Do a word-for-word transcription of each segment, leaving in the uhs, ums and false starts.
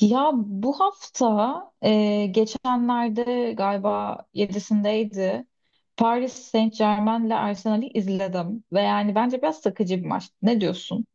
Ya bu hafta e, geçenlerde galiba yedisindeydi Paris Saint-Germain'le Arsenal'i izledim ve yani bence biraz sıkıcı bir maç. Ne diyorsun?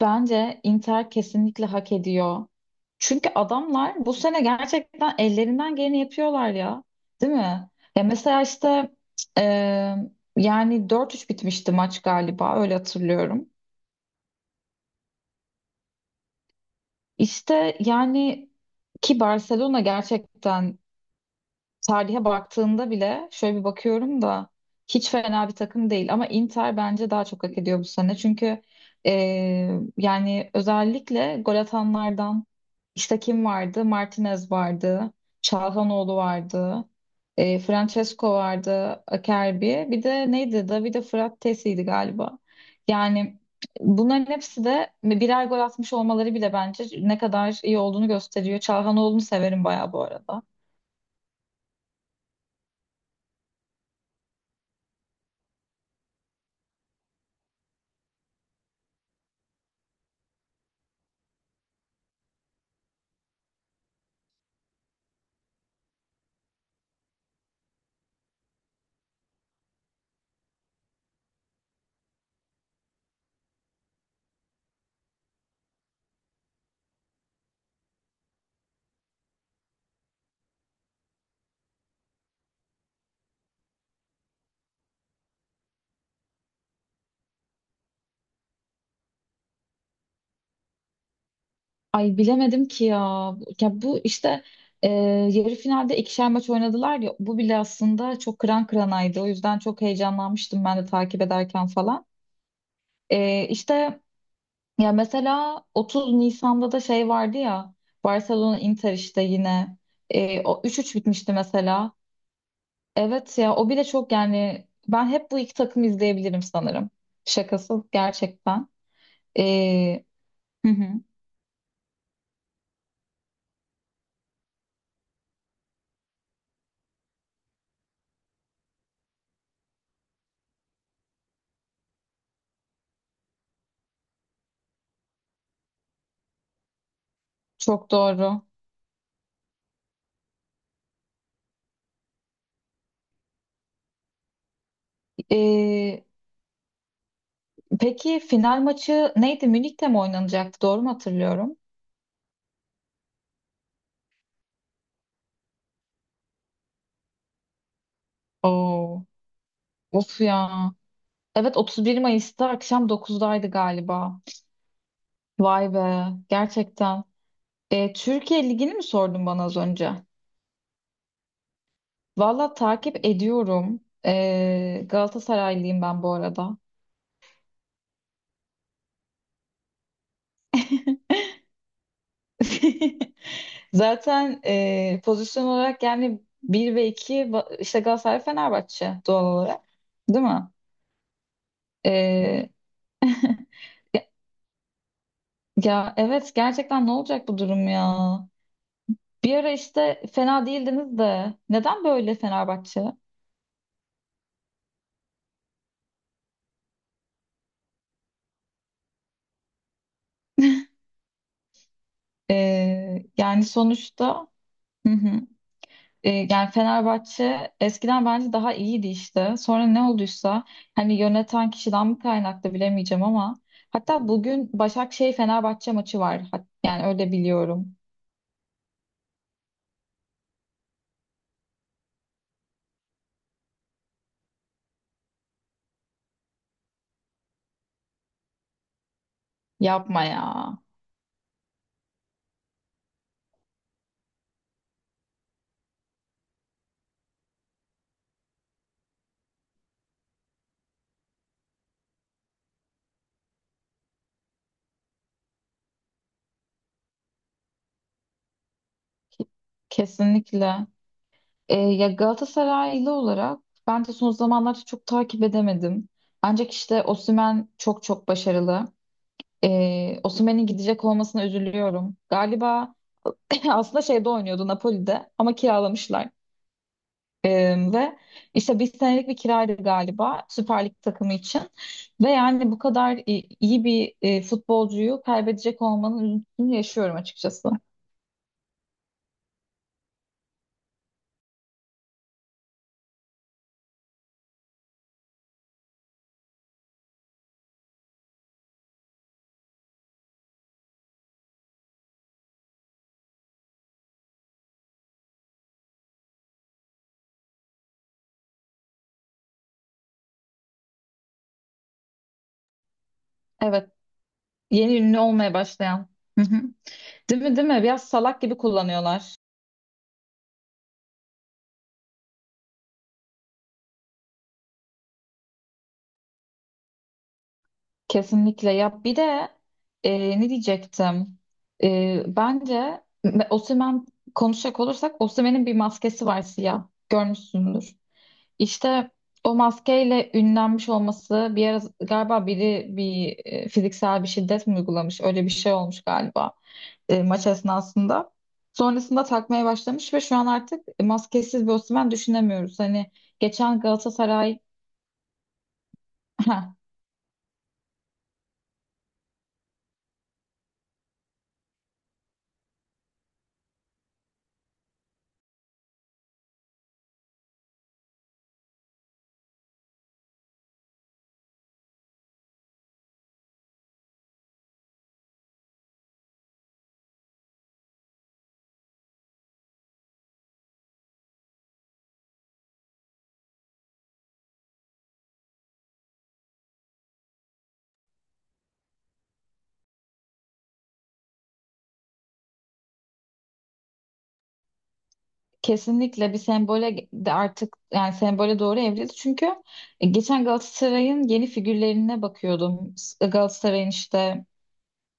Bence Inter kesinlikle hak ediyor. Çünkü adamlar bu sene gerçekten ellerinden geleni yapıyorlar ya. Değil mi? Ya mesela işte e, yani dört üç bitmişti maç galiba öyle hatırlıyorum. İşte yani ki Barcelona gerçekten tarihe baktığında bile şöyle bir bakıyorum da hiç fena bir takım değil ama Inter bence daha çok hak ediyor bu sene. Çünkü e, yani özellikle gol atanlardan işte kim vardı? Martinez vardı, Çalhanoğlu vardı, e, Francesco vardı, Acerbi. Bir de neydi? Davide Frattesi'ydi galiba. Yani bunların hepsi de birer gol atmış olmaları bile bence ne kadar iyi olduğunu gösteriyor. Çalhanoğlu'nu severim bayağı bu arada. Ay bilemedim ki ya. Ya bu işte e, yarı finalde ikişer maç oynadılar ya. Bu bile aslında çok kıran kıranaydı. O yüzden çok heyecanlanmıştım ben de takip ederken falan. E, işte ya mesela otuz Nisan'da da şey vardı ya. Barcelona Inter işte yine. E, o üç üç bitmişti mesela. Evet ya o bile çok yani ben hep bu iki takım izleyebilirim sanırım. Şakası gerçekten. E, hı hı, çok doğru. E, Peki final maçı neydi? Münih'te mi oynanacaktı? Doğru mu hatırlıyorum? Oo, of ya. Evet otuz bir Mayıs'ta akşam dokuzdaydı galiba. Vay be gerçekten. E, Türkiye Ligi'ni mi sordun bana az önce? Valla takip ediyorum. E, Galatasaraylıyım ben bu arada. Zaten e, pozisyon olarak yani bir ve iki va- işte Galatasaray Fenerbahçe doğal olarak değil mi? E, ya evet gerçekten ne olacak bu durum ya? Bir ara işte fena değildiniz de neden böyle Fenerbahçe? Ee, yani sonuçta hı hı. Ee, yani Fenerbahçe eskiden bence daha iyiydi işte. Sonra ne olduysa hani yöneten kişiden mi kaynaklı bilemeyeceğim ama hatta bugün Başakşehir Fenerbahçe maçı var. Hat- Yani öyle biliyorum. Yapma ya. Kesinlikle. Ee, ya Galatasaraylı olarak ben de son zamanlarda çok takip edemedim. Ancak işte Osimhen çok çok başarılı. Ee, Osimhen'in gidecek olmasına üzülüyorum. Galiba aslında şeyde oynuyordu Napoli'de ama kiralamışlar. Ee, ve işte bir senelik bir kiraydı galiba Süper Lig takımı için. Ve yani bu kadar i- iyi bir e, futbolcuyu kaybedecek olmanın üzüntüsünü yaşıyorum açıkçası. Evet, yeni ünlü olmaya başlayan. Hı hı. Değil mi değil mi? Biraz salak gibi kullanıyorlar. Kesinlikle ya bir de e, ne diyecektim. E, bence me- Osimhen konuşacak olursak Osimhen'in bir maskesi var siyah görmüşsündür. İşte o maskeyle ünlenmiş olması bir ara galiba biri bir e, fiziksel bir şiddet mi uygulamış öyle bir şey olmuş galiba e, maç esnasında. Sonrasında takmaya başlamış ve şu an artık maskesiz bir Osimhen düşünemiyoruz. Hani geçen Galatasaray. Kesinlikle bir sembole de artık yani sembole doğru evrildi. Çünkü e, geçen Galatasaray'ın yeni figürlerine bakıyordum. Galatasaray'ın işte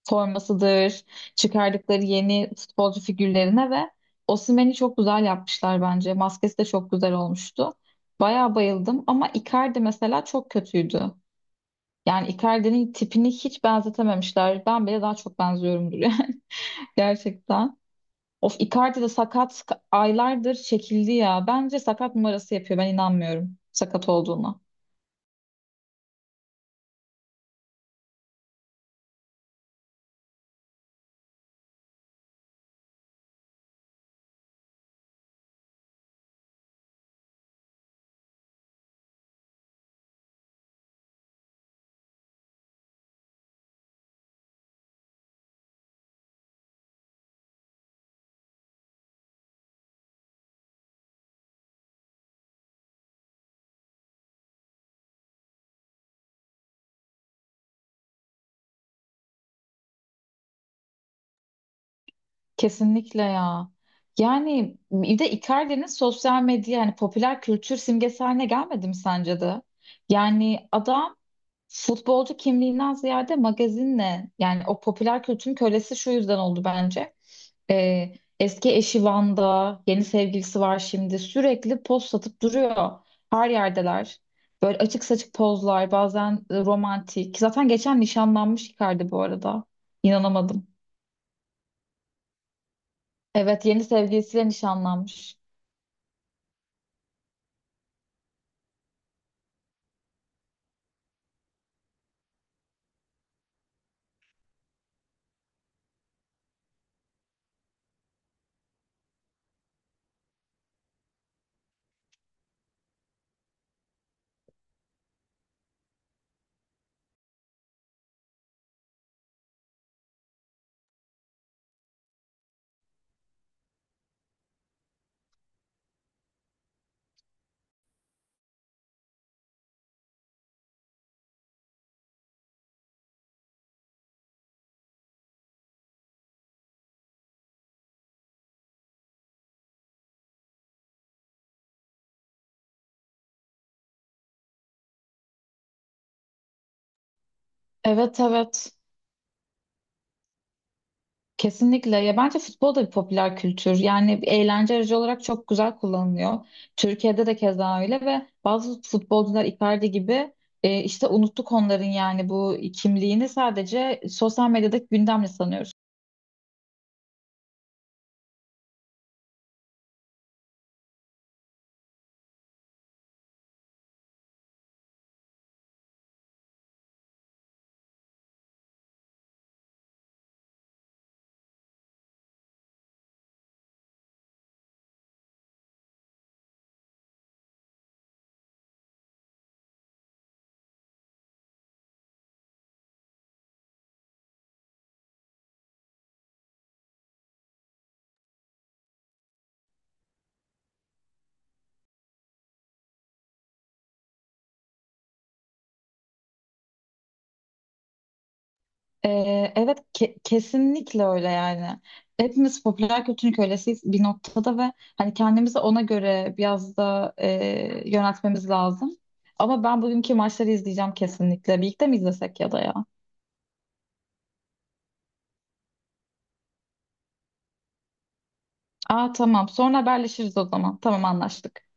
formasıdır, çıkardıkları yeni futbolcu figürlerine ve Osimhen'i çok güzel yapmışlar bence. Maskesi de çok güzel olmuştu. Bayağı bayıldım ama Icardi mesela çok kötüydü. Yani Icardi'nin tipini hiç benzetememişler. Ben bile daha çok benziyorumdur yani gerçekten. Of, Icardi de sakat aylardır çekildi ya. Bence sakat numarası yapıyor. Ben inanmıyorum sakat olduğuna. Kesinlikle ya. Yani bir de Icardi'nin sosyal medya yani popüler kültür simgesi haline gelmedi mi sence de? Yani adam futbolcu kimliğinden ziyade magazinle yani o popüler kültürün kölesi şu yüzden oldu bence. Ee, eski eşi Van'da, yeni sevgilisi var şimdi. Sürekli poz satıp duruyor. Her yerdeler. Böyle açık saçık pozlar, bazen e, romantik. Zaten geçen nişanlanmış Icardi bu arada. İnanamadım. Evet, yeni sevgilisiyle nişanlanmış. Evet, evet. Kesinlikle. Ya bence futbol da bir popüler kültür. Yani bir eğlence aracı olarak çok güzel kullanılıyor. Türkiye'de de keza öyle ve bazı futbolcular Icardi gibi e, işte unuttuk onların yani bu kimliğini sadece sosyal medyadaki gündemle sanıyoruz. E, evet ke- kesinlikle öyle yani. Hepimiz popüler kültürün kölesiyiz bir noktada ve hani kendimizi ona göre biraz da e, yöneltmemiz lazım. Ama ben bugünkü maçları izleyeceğim kesinlikle. Birlikte mi izlesek ya da ya? Aa, tamam. Sonra haberleşiriz o zaman. Tamam, anlaştık.